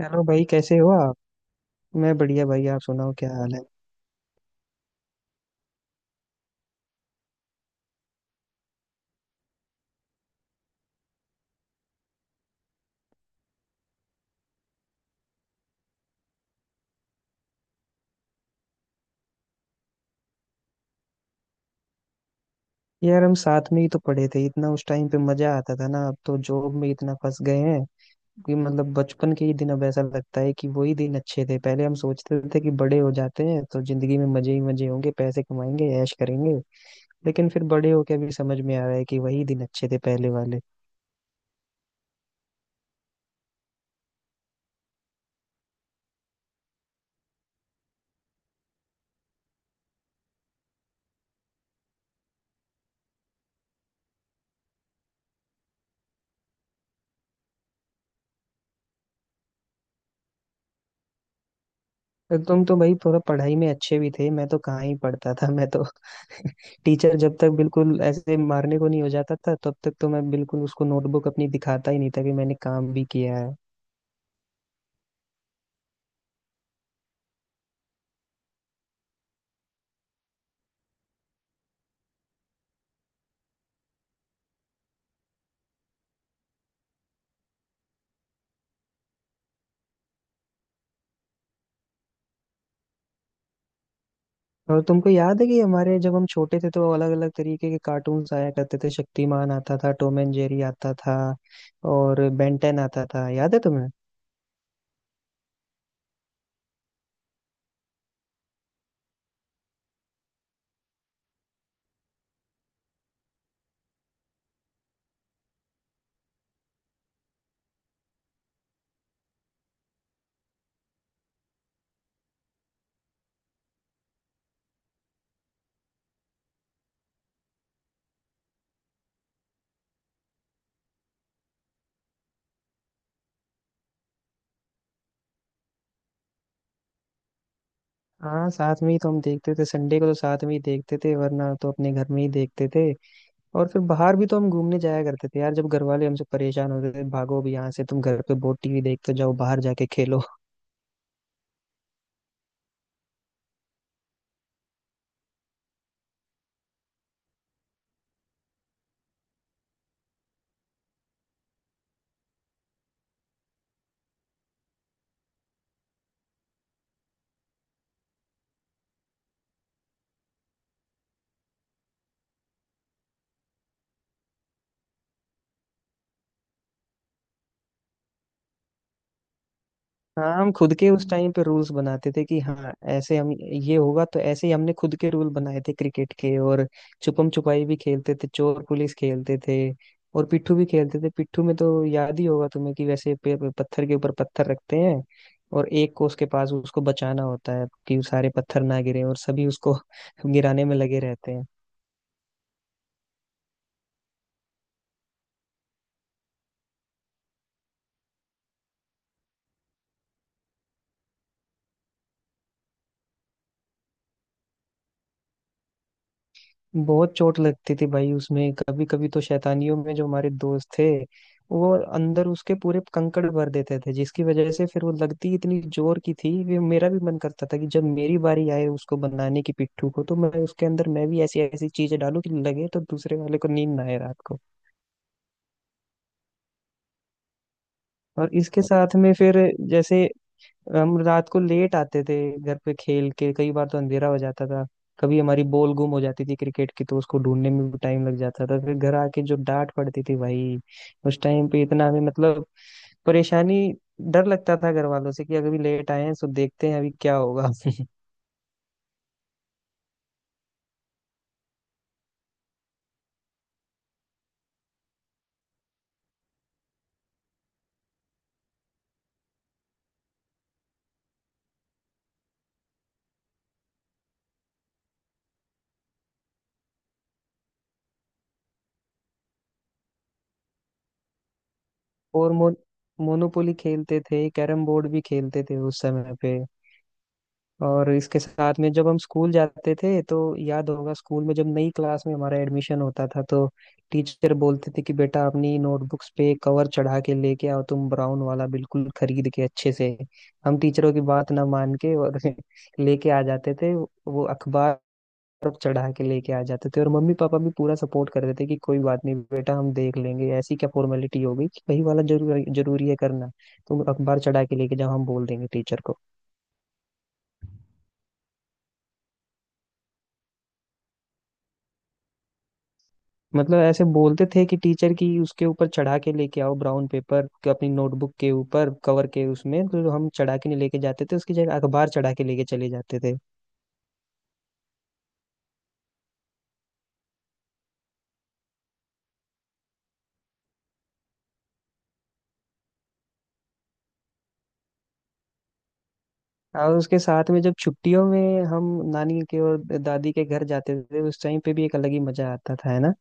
Hello भाई, कैसे हो आप। मैं बढ़िया भाई, आप सुनाओ क्या हाल है। यार हम साथ में ही तो पढ़े थे, इतना उस टाइम पे मजा आता था ना। अब तो जॉब में इतना फंस गए हैं कि मतलब बचपन के ही दिन, अब ऐसा लगता है कि वही दिन अच्छे थे। पहले हम सोचते थे कि बड़े हो जाते हैं तो जिंदगी में मजे ही मजे होंगे, पैसे कमाएंगे, ऐश करेंगे। लेकिन फिर बड़े होके अभी समझ में आ रहा है कि वही दिन अच्छे थे पहले वाले। तो तुम तो भाई थोड़ा पढ़ाई में अच्छे भी थे, मैं तो कहाँ ही पढ़ता था। मैं तो टीचर जब तक बिल्कुल ऐसे मारने को नहीं हो जाता था, तब तक तो मैं बिल्कुल उसको नोटबुक अपनी दिखाता ही नहीं था कि मैंने काम भी किया है। और तुमको याद है कि हमारे जब हम छोटे थे तो अलग अलग तरीके के कार्टून्स आया करते थे। शक्तिमान आता था, टॉम एंड जेरी आता था, और बेंटेन आता था, याद है तुम्हें। हाँ, साथ में ही तो हम देखते थे। संडे को तो साथ में ही देखते थे, वरना तो अपने घर में ही देखते थे। और फिर बाहर भी तो हम घूमने जाया करते थे यार, जब घर वाले हमसे परेशान होते थे, भागो भी यहाँ से, तुम घर पे बहुत टीवी देखते हो, जाओ बाहर जाके खेलो। हाँ, हम खुद के उस टाइम पे रूल्स बनाते थे कि हाँ ऐसे हम ये होगा, तो ऐसे ही हमने खुद के रूल बनाए थे क्रिकेट के। और छुपम छुपाई भी खेलते थे, चोर पुलिस खेलते थे, और पिट्ठू भी खेलते थे। पिट्ठू में तो याद ही होगा तुम्हें कि वैसे पे, पे- पत्थर के ऊपर पत्थर रखते हैं, और एक को उसके पास उसको बचाना होता है कि सारे पत्थर ना गिरे, और सभी उसको गिराने में लगे रहते हैं। बहुत चोट लगती थी भाई उसमें, कभी कभी तो शैतानियों में जो हमारे दोस्त थे, वो अंदर उसके पूरे कंकड़ भर देते थे, जिसकी वजह से फिर वो लगती इतनी जोर की थी कि मेरा भी मन करता था कि जब मेरी बारी आए उसको बनाने की, पिट्ठू को, तो मैं उसके अंदर मैं भी ऐसी ऐसी चीजें डालूं कि लगे तो दूसरे वाले को नींद ना आए रात को। और इसके साथ में फिर जैसे हम रात को लेट आते थे घर पे, खेल के कई बार तो अंधेरा हो जाता था। कभी हमारी बॉल गुम हो जाती थी क्रिकेट की, तो उसको ढूंढने में भी टाइम लग जाता था। फिर घर आके जो डांट पड़ती थी भाई, उस टाइम पे इतना हमें मतलब परेशानी, डर लगता था घर वालों से कि अगर भी लेट आए हैं तो देखते हैं अभी क्या होगा। और मोनोपोली खेलते थे, कैरम बोर्ड भी खेलते थे उस समय पे। और इसके साथ में जब हम स्कूल जाते थे तो याद होगा, स्कूल में जब नई क्लास में हमारा एडमिशन होता था तो टीचर बोलते थे कि बेटा अपनी नोटबुक्स पे कवर चढ़ा के लेके आओ, तुम ब्राउन वाला बिल्कुल खरीद के अच्छे से। हम टीचरों की बात ना मान के और लेके आ जाते थे वो अखबार, चढ़ा के लेके आ जाते थे। और मम्मी पापा भी पूरा सपोर्ट करते थे कि कोई बात नहीं बेटा, हम देख लेंगे, ऐसी क्या फॉर्मेलिटी हो गई कि वही वाला जरूर जरूरी है करना। तुम अखबार चढ़ा के लेके जाओ, हम बोल देंगे टीचर को। मतलब ऐसे बोलते थे कि टीचर की उसके ऊपर चढ़ा के लेके आओ ब्राउन पेपर को अपनी नोटबुक के ऊपर, कवर के उसमें तो हम चढ़ा के नहीं लेके जाते थे, उसकी जगह अखबार चढ़ा के लेके चले जाते थे। और उसके साथ में जब छुट्टियों में हम नानी के और दादी के घर जाते थे, उस टाइम पे भी एक अलग ही मजा आता था, है ना।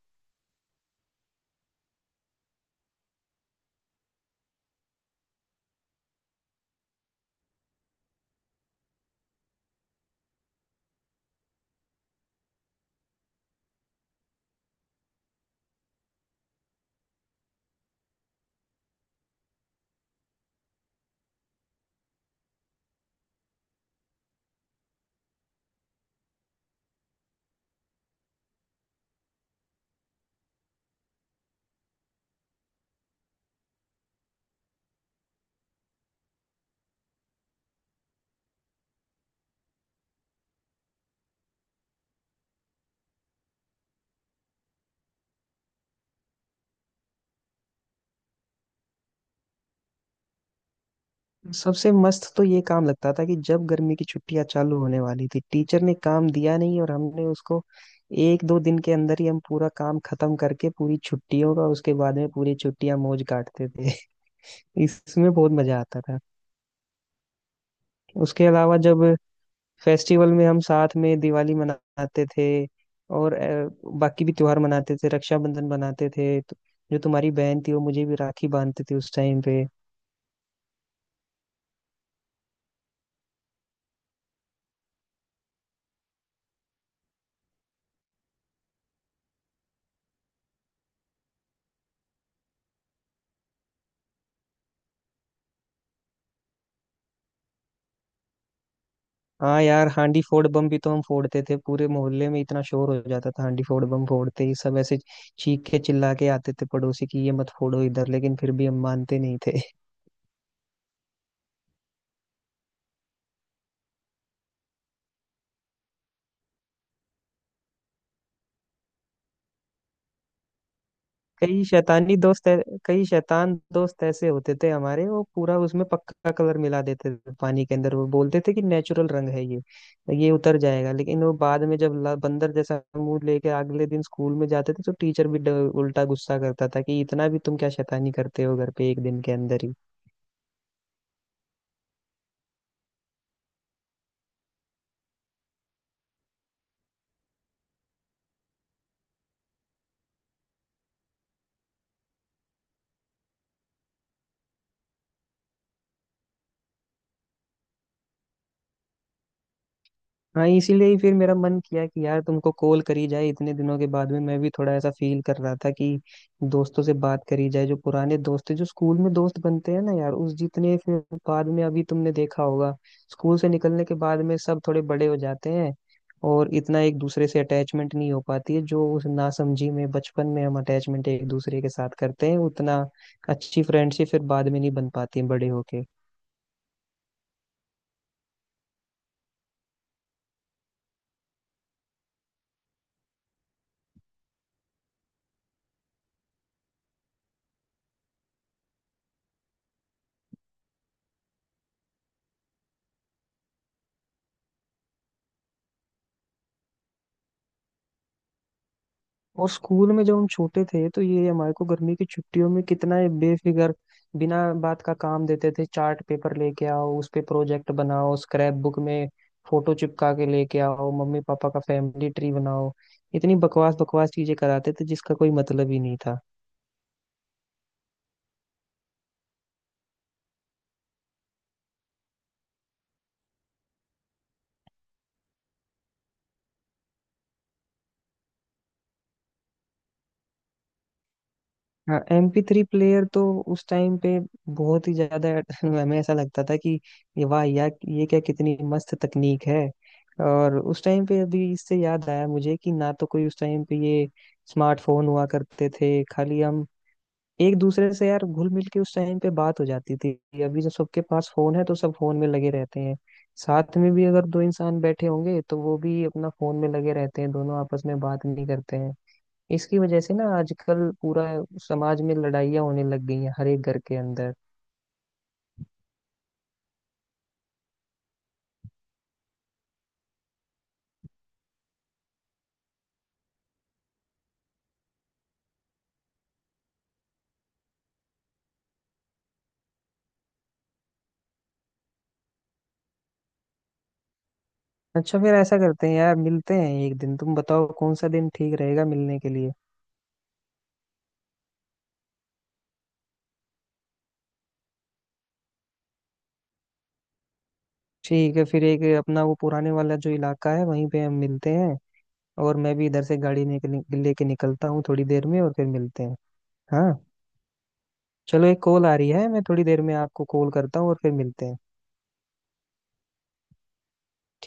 सबसे मस्त तो ये काम लगता था कि जब गर्मी की छुट्टियां चालू होने वाली थी, टीचर ने काम दिया नहीं और हमने उसको एक दो दिन के अंदर ही हम पूरा काम खत्म करके, पूरी छुट्टियों का, उसके बाद में पूरी छुट्टियां मौज काटते थे। इसमें बहुत मजा आता था। उसके अलावा जब फेस्टिवल में हम साथ में दिवाली मनाते थे, और बाकी भी त्योहार मनाते थे, रक्षाबंधन मनाते थे, तो जो तुम्हारी बहन थी वो मुझे भी राखी बांधते थे उस टाइम पे। हाँ यार, हांडी फोड़ बम भी तो हम फोड़ते थे, पूरे मोहल्ले में इतना शोर हो जाता था हांडी फोड़ बम फोड़ते ही। सब ऐसे चीख के चिल्ला के आते थे पड़ोसी की ये मत फोड़ो इधर, लेकिन फिर भी हम मानते नहीं थे। कई शैतान दोस्त ऐसे होते थे हमारे, वो पूरा उसमें पक्का कलर मिला देते थे पानी के अंदर। वो बोलते थे कि नेचुरल रंग है ये, तो ये उतर जाएगा। लेकिन वो बाद में जब बंदर जैसा मुंह लेके अगले दिन स्कूल में जाते थे तो टीचर भी उल्टा गुस्सा करता था कि इतना भी तुम क्या शैतानी करते हो घर पे एक दिन के अंदर ही। हाँ, इसीलिए ही फिर मेरा मन किया कि यार तुमको कॉल करी जाए इतने दिनों के बाद में। मैं भी थोड़ा ऐसा फील कर रहा था कि दोस्तों से बात करी जाए, जो पुराने दोस्त थे, जो स्कूल में दोस्त बनते हैं ना यार, उस जितने फिर बाद में अभी तुमने देखा होगा, स्कूल से निकलने के बाद में सब थोड़े बड़े हो जाते हैं और इतना एक दूसरे से अटैचमेंट नहीं हो पाती है। जो उस नासमझी में बचपन में हम अटैचमेंट एक दूसरे के साथ करते हैं, उतना अच्छी फ्रेंडशिप फिर बाद में नहीं बन पाती है बड़े होके। और स्कूल में जब हम छोटे थे तो ये हमारे को गर्मी की छुट्टियों में कितना ये बेफिक्र बिना बात का काम देते थे। चार्ट पेपर लेके आओ, उस पे प्रोजेक्ट बनाओ, स्क्रैप बुक में फोटो चिपका के लेके आओ, मम्मी पापा का फैमिली ट्री बनाओ, इतनी बकवास बकवास चीजें कराते थे जिसका कोई मतलब ही नहीं था। हाँ, MP3 प्लेयर तो उस टाइम पे बहुत ही ज्यादा हमें ऐसा लगता था कि ये वाह यार, ये क्या कितनी मस्त तकनीक है। और उस टाइम पे अभी इससे याद आया मुझे कि ना तो कोई उस टाइम पे ये स्मार्टफोन हुआ करते थे, खाली हम एक दूसरे से यार घुल मिल के उस टाइम पे बात हो जाती थी। अभी जब सबके पास फोन है तो सब फोन में लगे रहते हैं। साथ में भी अगर दो इंसान बैठे होंगे तो वो भी अपना फोन में लगे रहते हैं, दोनों आपस में बात नहीं करते हैं। इसकी वजह से ना आजकल पूरा समाज में लड़ाइयाँ होने लग गई हैं हर एक घर के अंदर। अच्छा, फिर ऐसा करते हैं यार, मिलते हैं एक दिन। तुम बताओ कौन सा दिन ठीक रहेगा मिलने के लिए। ठीक है, फिर एक अपना वो पुराने वाला जो इलाका है वहीं पे हम मिलते हैं, और मैं भी इधर से गाड़ी निकल लेके निकलता हूँ थोड़ी देर में, और फिर मिलते हैं। हाँ, चलो एक कॉल आ रही है, मैं थोड़ी देर में आपको कॉल करता हूँ और फिर मिलते हैं।